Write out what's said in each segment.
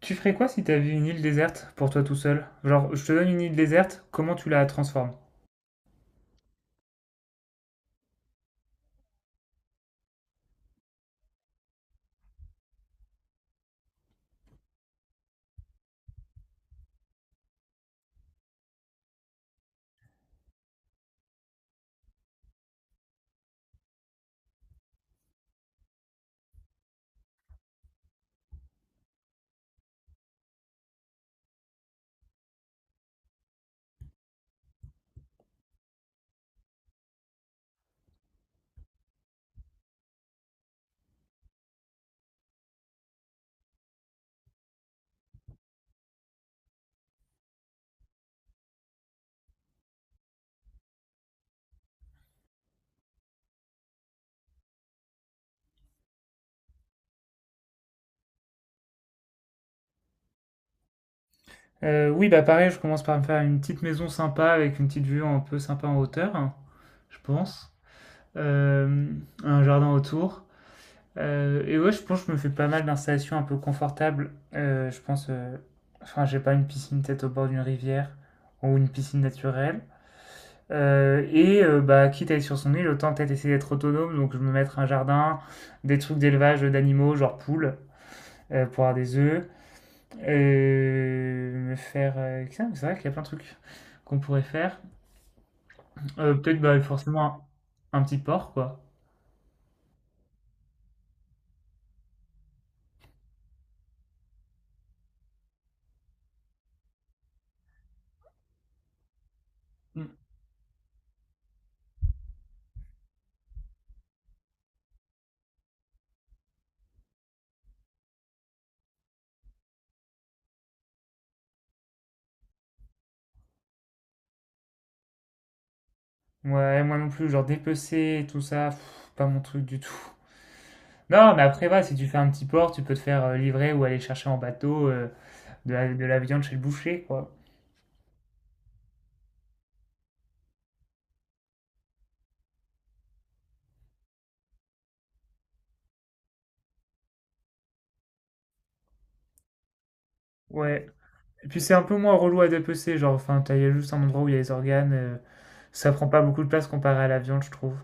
Tu ferais quoi si t'avais une île déserte pour toi tout seul? Genre, je te donne une île déserte, comment tu la transformes? Oui, bah pareil, je commence par me faire une petite maison sympa avec une petite vue un peu sympa en hauteur, hein, je pense. Euh, un jardin autour. Et ouais, je pense que je me fais pas mal d'installations un peu confortables. Je pense, enfin, j'ai pas une piscine peut-être au bord d'une rivière ou une piscine naturelle. Et bah, quitte à être sur son île, autant peut-être essayer d'être autonome, donc je me mettre un jardin, des trucs d'élevage, d'animaux, genre poules, pour avoir des œufs. heu, me faire, heu, c'est vrai qu'il y a plein de trucs qu'on pourrait faire. Peut-être, bah, forcément un petit porc, quoi. Mmh. Ouais, moi non plus, genre dépecer et tout ça, pff, pas mon truc du tout. Non, mais après va si tu fais un petit porc, tu peux te faire, livrer ou aller chercher en bateau, de la viande chez le boucher, quoi. Ouais. Et puis c'est un peu moins relou à dépecer, genre, enfin, t'as il y a juste un endroit où il y a les organes, ça prend pas beaucoup de place comparé à la viande, je trouve.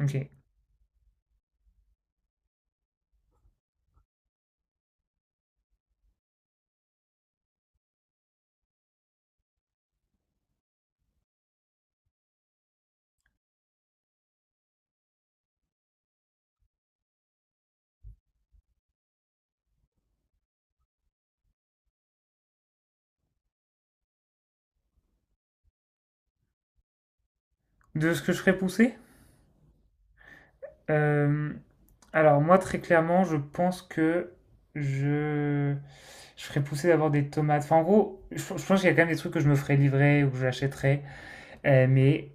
Ok. De ce que je ferais pousser? Euh, Alors, moi, très clairement, je pense que je, je ferais pousser d'abord des tomates. Enfin, en gros, je pense qu'il y a quand même des trucs que je me ferais livrer ou que j'achèterais. Mais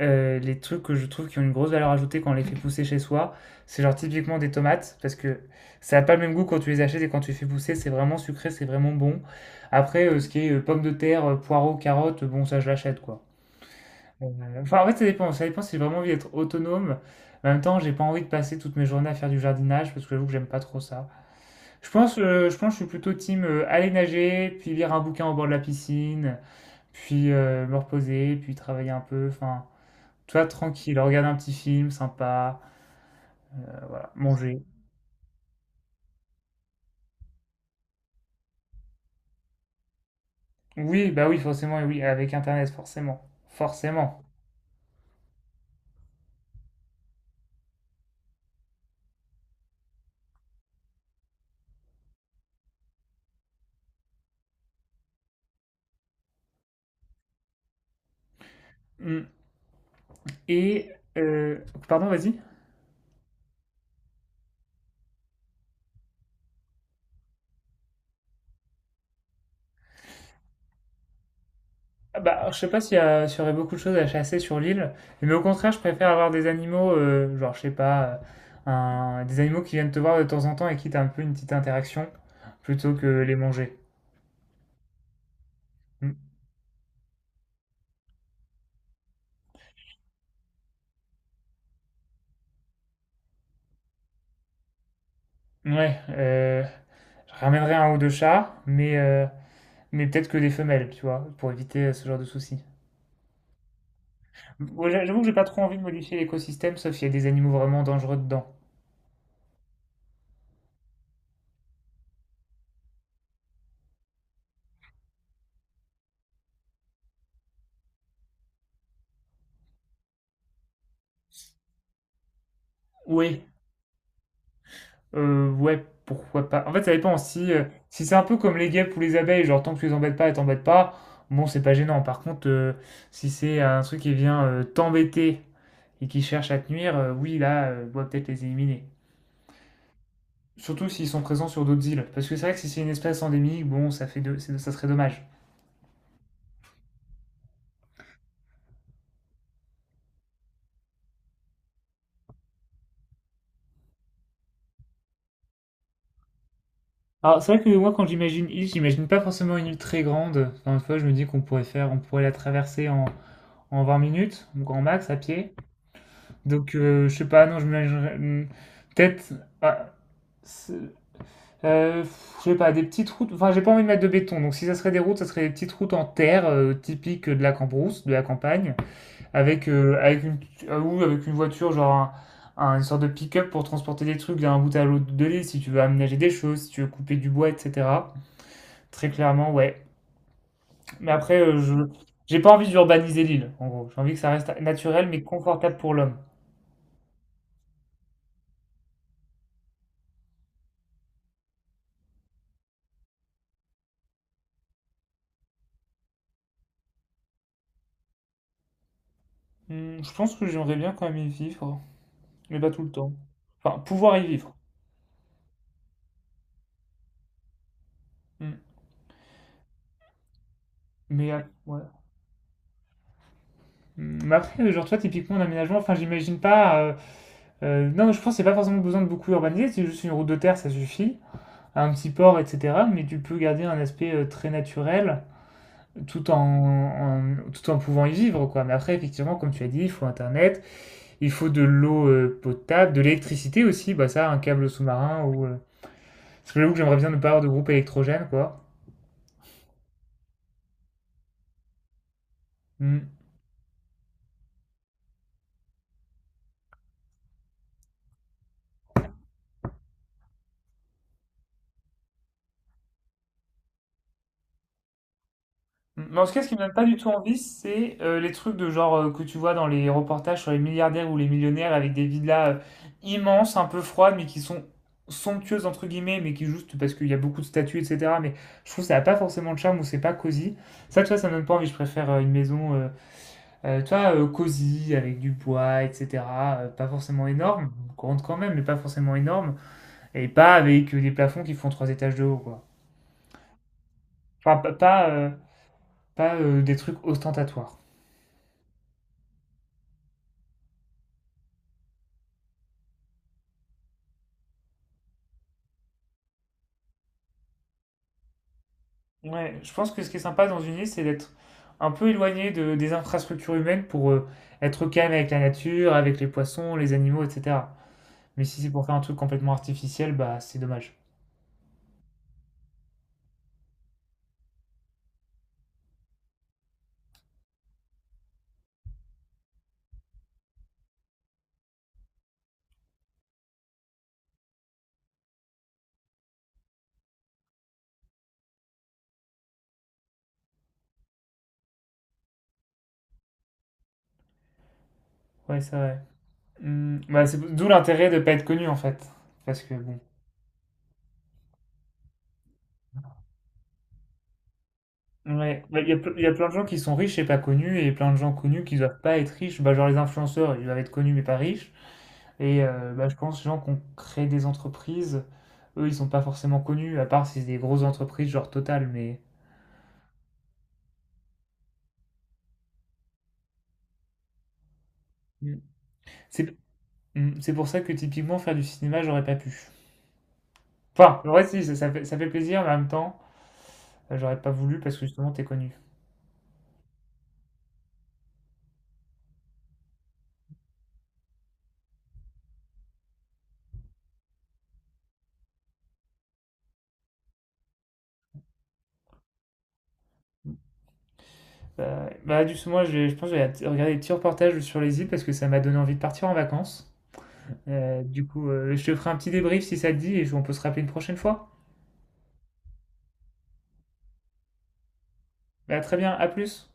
les trucs que je trouve qui ont une grosse valeur ajoutée quand on les fait pousser chez soi, c'est genre typiquement des tomates, parce que ça n'a pas le même goût quand tu les achètes et quand tu les fais pousser, c'est vraiment sucré, c'est vraiment bon. Après, ce qui est pommes de terre, poireaux, carottes, bon, ça je l'achète quoi. Euh, Enfin, en fait, ça dépend. Ça dépend si j'ai vraiment envie d'être autonome. En même temps, j'ai pas envie de passer toutes mes journées à faire du jardinage parce que j'avoue que j'aime pas trop ça. Je pense que je suis plutôt team aller nager, puis lire un bouquin au bord de la piscine, puis me reposer, puis travailler un peu. Enfin, toi tranquille, regarde un petit film sympa, voilà, manger. Oui, bah oui, forcément, oui, avec Internet, forcément. Forcément. Mm. Et, euh, Pardon, vas-y. Ah bah, je sais pas s'il y aurait beaucoup de choses à chasser sur l'île, mais au contraire, je préfère avoir des animaux, genre, je sais pas, des animaux qui viennent te voir de temps en temps et qui t'ont un peu une petite interaction, plutôt que les manger. Mm. Ouais, je ramènerai un ou deux chats, mais peut-être que des femelles, tu vois, pour éviter ce genre de soucis. Ouais, j'avoue que j'ai pas trop envie de modifier l'écosystème, sauf s'il y a des animaux vraiment dangereux dedans. Oui. Ouais, pourquoi pas. En fait, ça dépend. Si c'est un peu comme les guêpes ou les abeilles, genre tant que tu les embêtes pas, elles t'embêtent pas, bon, c'est pas gênant. Par contre, si c'est un truc qui vient t'embêter et qui cherche à te nuire, oui, là, on doit peut-être les éliminer. Surtout s'ils sont présents sur d'autres îles. Parce que c'est vrai que si c'est une espèce endémique, bon, ça serait dommage. Alors, c'est vrai que moi, quand j'imagine île, j'imagine pas forcément une île très grande. Encore une fois, je me dis on pourrait la traverser en 20 minutes, au grand max, à pied. Donc, je sais pas, non, je me peut-être, ah, c'est- euh, je sais pas, des petites routes. Enfin, j'ai pas envie de mettre de béton. Donc, si ça serait des routes, ça serait des petites routes en terre, typiques de la cambrousse, de la campagne, avec, euh, avec une, oui, avec une voiture, genre une sorte de pick-up pour transporter des trucs d'un bout à l'autre de l'île, si tu veux aménager des choses, si tu veux couper du bois, etc. Très clairement, ouais. Mais après, j'ai pas envie d'urbaniser l'île, en gros. J'ai envie que ça reste naturel, mais confortable pour l'homme. Je pense que j'aimerais bien quand même y vivre, mais pas tout le temps. Enfin, pouvoir y vivre. Hmm. Mais, ouais. Mais après, genre toi, typiquement, l'aménagement, enfin, j'imagine pas... non, je pense que c'est pas forcément besoin de beaucoup urbaniser, c'est juste une route de terre, ça suffit, un petit port, etc. Mais tu peux garder un aspect très naturel tout tout en pouvant y vivre, quoi. Mais après, effectivement, comme tu as dit, il faut Internet, il faut de l'eau potable, de l'électricité aussi, bah ça, un câble sous-marin ou. Parce que j'avoue que j'aimerais bien ne pas avoir de groupe électrogène, quoi. Hmm. Mm. Mais en tout cas, ce qui me donne pas du tout envie, c'est les trucs de genre que tu vois dans les reportages sur les milliardaires ou les millionnaires avec des villas immenses, un peu froides, mais qui sont somptueuses entre guillemets, mais qui juste parce qu'il y a beaucoup de statues, etc. Mais je trouve que ça n'a pas forcément de charme ou c'est pas cosy. Ça, tu vois, ça me donne pas envie. Je préfère une maison, tu vois, cosy avec du bois, etc. Pas forcément énorme, grande quand même, mais pas forcément énorme, et pas avec des plafonds qui font trois étages de haut, quoi. Enfin, pas des trucs ostentatoires. Ouais, je pense que ce qui est sympa dans une île, c'est d'être un peu éloigné des infrastructures humaines pour être calme avec la nature, avec les poissons, les animaux, etc. Mais si c'est pour faire un truc complètement artificiel, bah c'est dommage. Ouais, c'est vrai. Bah, c'est d'où l'intérêt de pas être connu en fait. Parce que bon. Ouais, bah, il y a plein de gens qui sont riches et pas connus, et plein de gens connus qui doivent pas être riches. Bah, genre les influenceurs, ils doivent être connus mais pas riches. Et bah, je pense les gens qui ont créé des entreprises, eux, ils sont pas forcément connus, à part si c'est des grosses entreprises genre Total, mais. Mm. C'est c'est pour ça que typiquement faire du cinéma, j'aurais pas pu. Enfin, en vrai, si, ça fait plaisir, mais en même temps, j'aurais pas voulu parce que justement, t'es connu. Bah, justement, je pense que je vais regarder des petits reportages sur les îles parce que ça m'a donné envie de partir en vacances. Du coup, je te ferai un petit débrief si ça te dit et on peut se rappeler une prochaine fois. Bah, très bien, à plus.